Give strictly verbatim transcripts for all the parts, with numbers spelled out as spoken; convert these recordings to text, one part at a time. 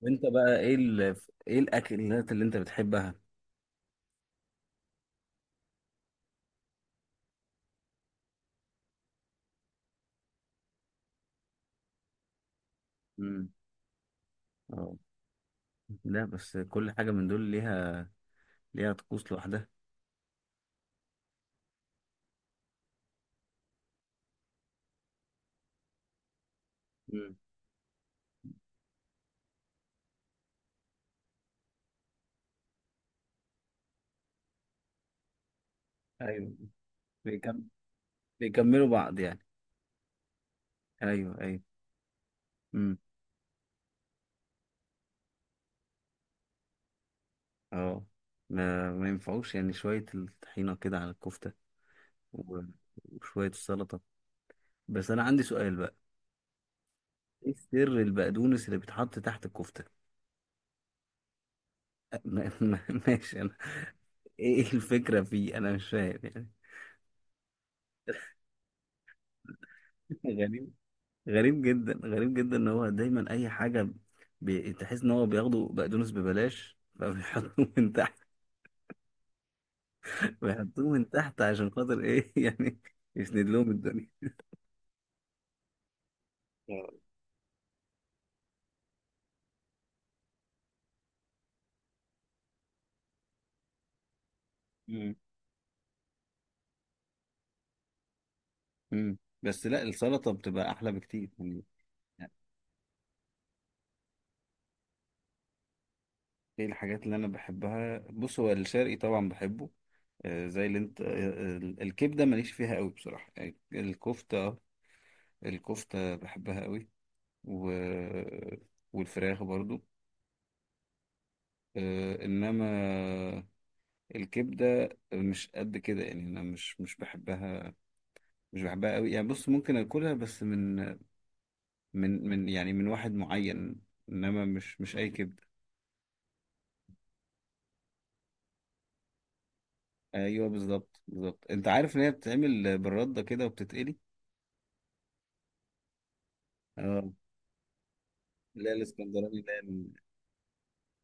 وانت بقى ايه ال... ايه الاكلات اللي انت بتحبها؟ امم. اه. لا بس كل حاجة من دول ليها ليها طقوس لوحدها. امم. ايوه. بيكم... بيكملوا بعض يعني. ايوه، ايوه. امم. اه. ما ما ينفعوش، يعني شوية الطحينة كده على الكفتة، و- وشوية السلطة. بس أنا عندي سؤال بقى. إيه سر البقدونس اللي بيتحط تحت الكفتة؟ أ- ما- ما- ماشي أنا. إيه الفكرة فيه؟ أنا مش فاهم يعني. غريب. غريب جدا، غريب جدا ان هو دايما اي حاجه. بي... تحس ان هو بياخدوا بقدونس ببلاش فبيحطوه من تحت. بيحطوه من تحت عشان خاطر ايه؟ يعني يسند لهم الدنيا يعني. مم. مم. بس لا، السلطه بتبقى احلى بكتير يعني. يعني ايه الحاجات اللي انا بحبها؟ بص هو الشرقي طبعا بحبه. آه، زي اللي انت، آه، ال- الكبده ماليش فيها قوي بصراحه، يعني الكفته، آه، الكفته بحبها قوي. و... والفراخ برضو. آه، انما الكبدة مش قد كده يعني، أنا مش مش بحبها. مش بحبها قوي يعني. بص، ممكن أكلها بس من من من يعني من واحد معين. إنما مش مش أي كبدة. أيوه بالظبط، بالظبط أنت عارف إن هي بتتعمل بالردة كده وبتتقلي. اه. اللي هي الاسكندراني، اللي هي ال-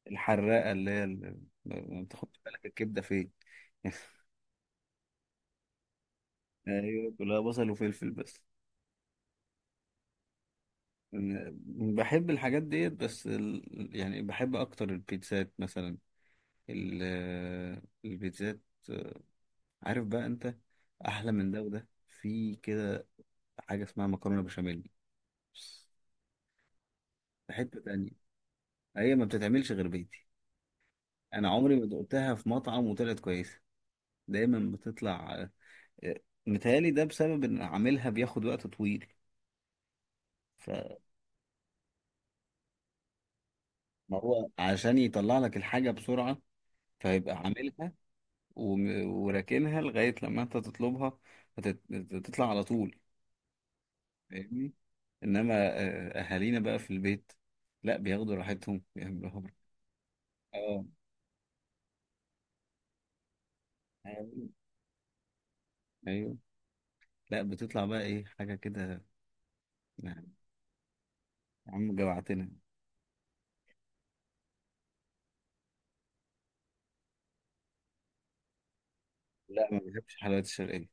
الحراقة، اللي هي ال- ما بتاخدش بالك الكبدة فين. أيوه، كلها بصل وفلفل بس. أنا بحب الحاجات ديت، بس ال... يعني بحب أكتر البيتزات مثلا، ال- البيتزات. عارف بقى انت، احلى من ده وده، في كده حاجه اسمها مكرونه بشاميل. في حته تانية هي ما بتتعملش غير بيتي. انا عمري ما دقتها في مطعم وطلعت كويسه، دايما بتطلع. آه، متهيألي ده بسبب ان عاملها بياخد وقت طويل. فما هو عشان يطلع لك الحاجه بسرعه فيبقى عاملها وم- وراكنها لغايه لما انت تطلبها. هتت- هتطلع على طول، فاهمني؟ انما آه، اهالينا بقى في البيت، لا بياخدوا راحتهم، بيعملوا هم. اه. ايوه. لا بتطلع بقى ايه حاجه كده يعني. يا عم جوعتنا. لا ما بحبش الحلويات الشرقيه،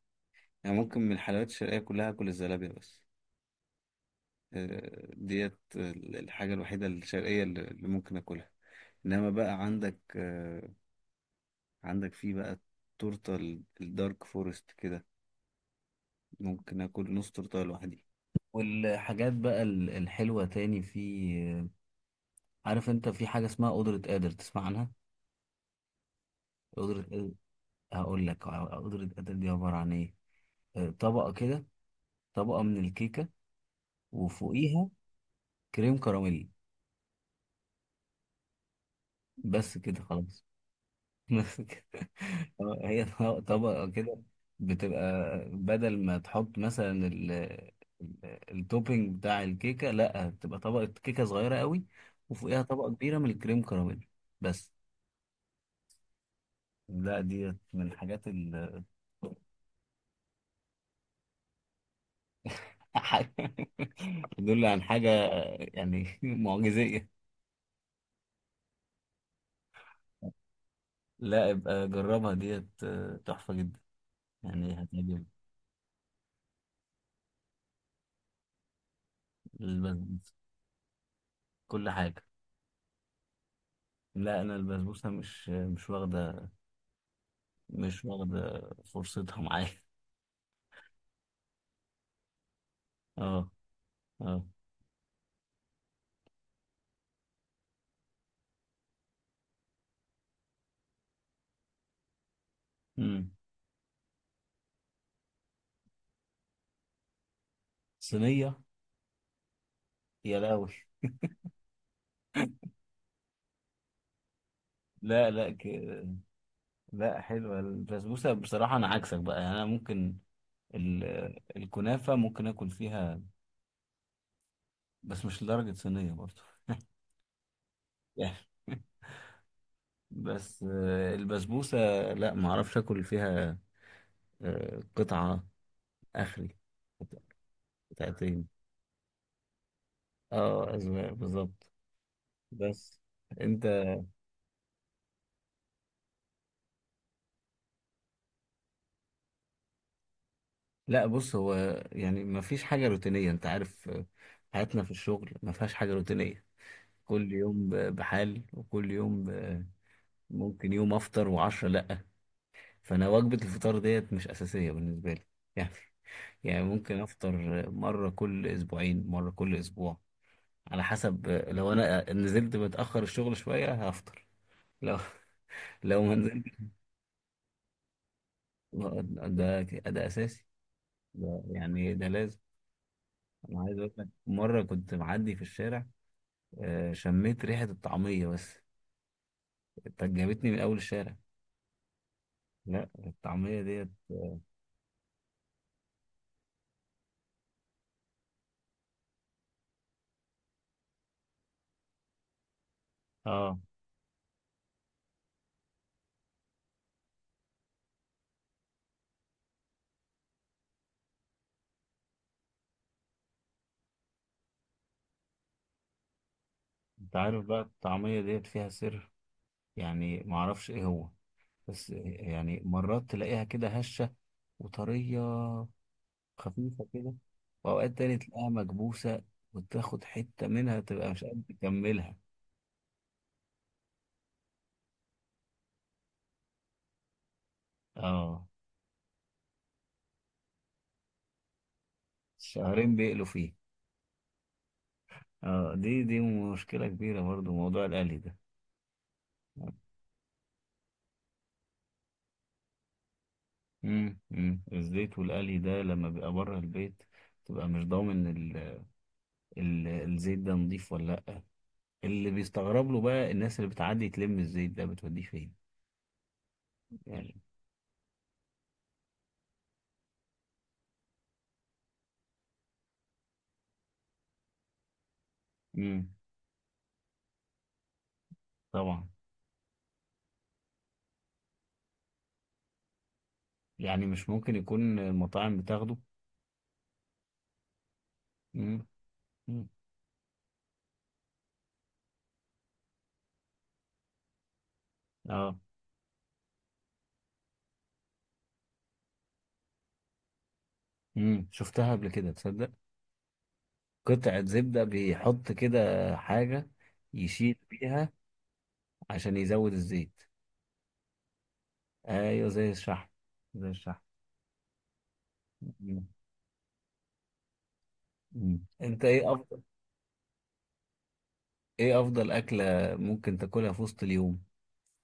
يعني ممكن من الحلويات الشرقيه كلها اكل الزلابيه بس. آه، ديت الحاجه الوحيده الشرقيه اللي اللي ممكن اكلها. انما بقى عندك آه، عندك فيه بقى التورته، ال- الدارك فورست كده. ممكن اكل نص تورته لوحدي. والحاجات بقى ال- الحلوه تاني، في. عارف انت في حاجة اسمها قدرة قادر؟ تسمع عنها؟ قدرة قادر. هقول لك قدرة قادر دي عبارة عن ايه. آه، طبقة كده، طبقة من الكيكة، وفوقيها كريم كراميل. بس كده خلاص. بس كده. آه، هي طبقة طبقة كده بتبقى. بدل ما تحط مثلا ال ال- التوبينج بتاع الكيكة، لا، بتبقى طبقة كيكة صغيرة قوي، وفوقيها طبقة كبيرة من الكريم كراميل بس. لا، دي من الحاجات. دول عن حاجة يعني معجزية. لا ابقى جربها ديت، آه، تحفة جدا يعني، هتعجبك. البسبوسة. كل حاجة. لا أنا البسبوسة مش مش واخدة مش واخدة فرصتها معايا. اه. اه. مم. صينية. يا لهوي. لا، لا، ك... لا حلوة البسبوسة بصراحة، أنا عكسك بقى يعني، أنا ممكن ال... الكنافة ممكن آكل فيها، بس مش لدرجة صينية برضه. بس آه، البسبوسة، لا ما اعرفش اكل فيها، آه، قطعة اخري، قط- قطعتين. اه، اذواق بالظبط. بس انت. لا بص هو، يعني ما فيش حاجة روتينية، انت عارف، آه، حياتنا في الشغل ما فيهاش حاجة روتينية. كل يوم ب- بحال، وكل يوم ب- ممكن يوم افطر وعشرة لا. فانا وجبة الفطار ديت مش اساسية بالنسبة لي يعني يعني ممكن افطر مرة كل اسبوعين، مرة كل اسبوع، على حسب. لو انا نزلت متاخر الشغل شويه هفطر، لو لو ما نزلت. ده ده اساسي، ده يعني ده لازم. انا عايز اقول لك، مره كنت معدي في الشارع، آه، شميت ريحه الطعميه بس، إنت جابتني من اول الشارع. لا الطعميه ديت. اه. انت عارف بقى الطعميه ديت فيها سر، يعني ما اعرفش ايه هو، بس يعني مرات تلاقيها كده هشه وطريه، خفيفة كده، وأوقات تاني تلاقيها مكبوسة، وتاخد حتة منها تبقى مش قادر تكملها. اه. شهرين بيقلوا فيه. اه، دي دي مشكلة كبيرة برضو، موضوع القلي ده. امم امم الزيت والقلي ده لما بيبقى بره البيت، تبقى مش ضامن ال... ال... الزيت ده نضيف ولا لا. اللي بيستغرب له بقى، الناس اللي بتعدي تلم الزيت ده بتوديه فين يعني. امم. طبعا. يعني مش ممكن يكون المطاعم بتاخده. امم. امم. اه. امم. شفتها قبل كده، تصدق؟ قطعة زبدة بيحط كده، حاجة يشيل بيها عشان يزود الزيت. ايوه زي الشحم، زي الشحم. مم. مم. انت ايه افضل ايه افضل اكلة ممكن تاكلها في وسط اليوم،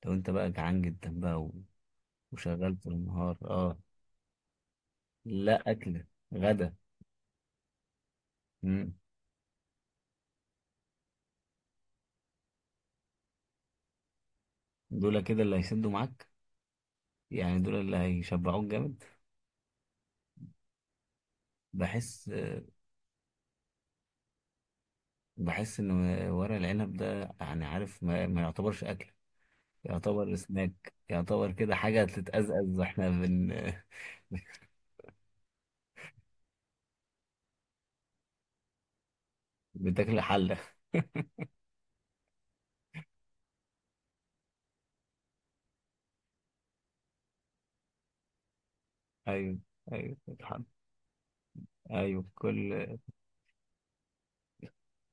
لو انت بقى جعان جدا بقى و- وشغال طول النهار؟ اه. لا اكلة. غدا. مم. دول كده اللي هيسدوا معاك، يعني دول اللي هيشبعوك جامد. بحس بحس ان ورق العنب ده، يعني عارف، ما, ما يعتبرش اكل، يعتبر سناك، يعتبر كده حاجة تتأزأز واحنا بن بتاكل حلة. أيوه، أيوه الحلة، أيوه كل.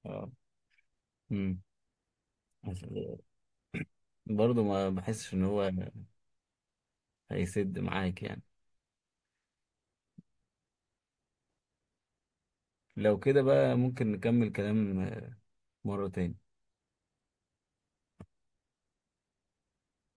آه. أمم. بس برضه ما بحسش إن هو هيسد معاك يعني. لو كده بقى ممكن نكمل كلام مرة تاني.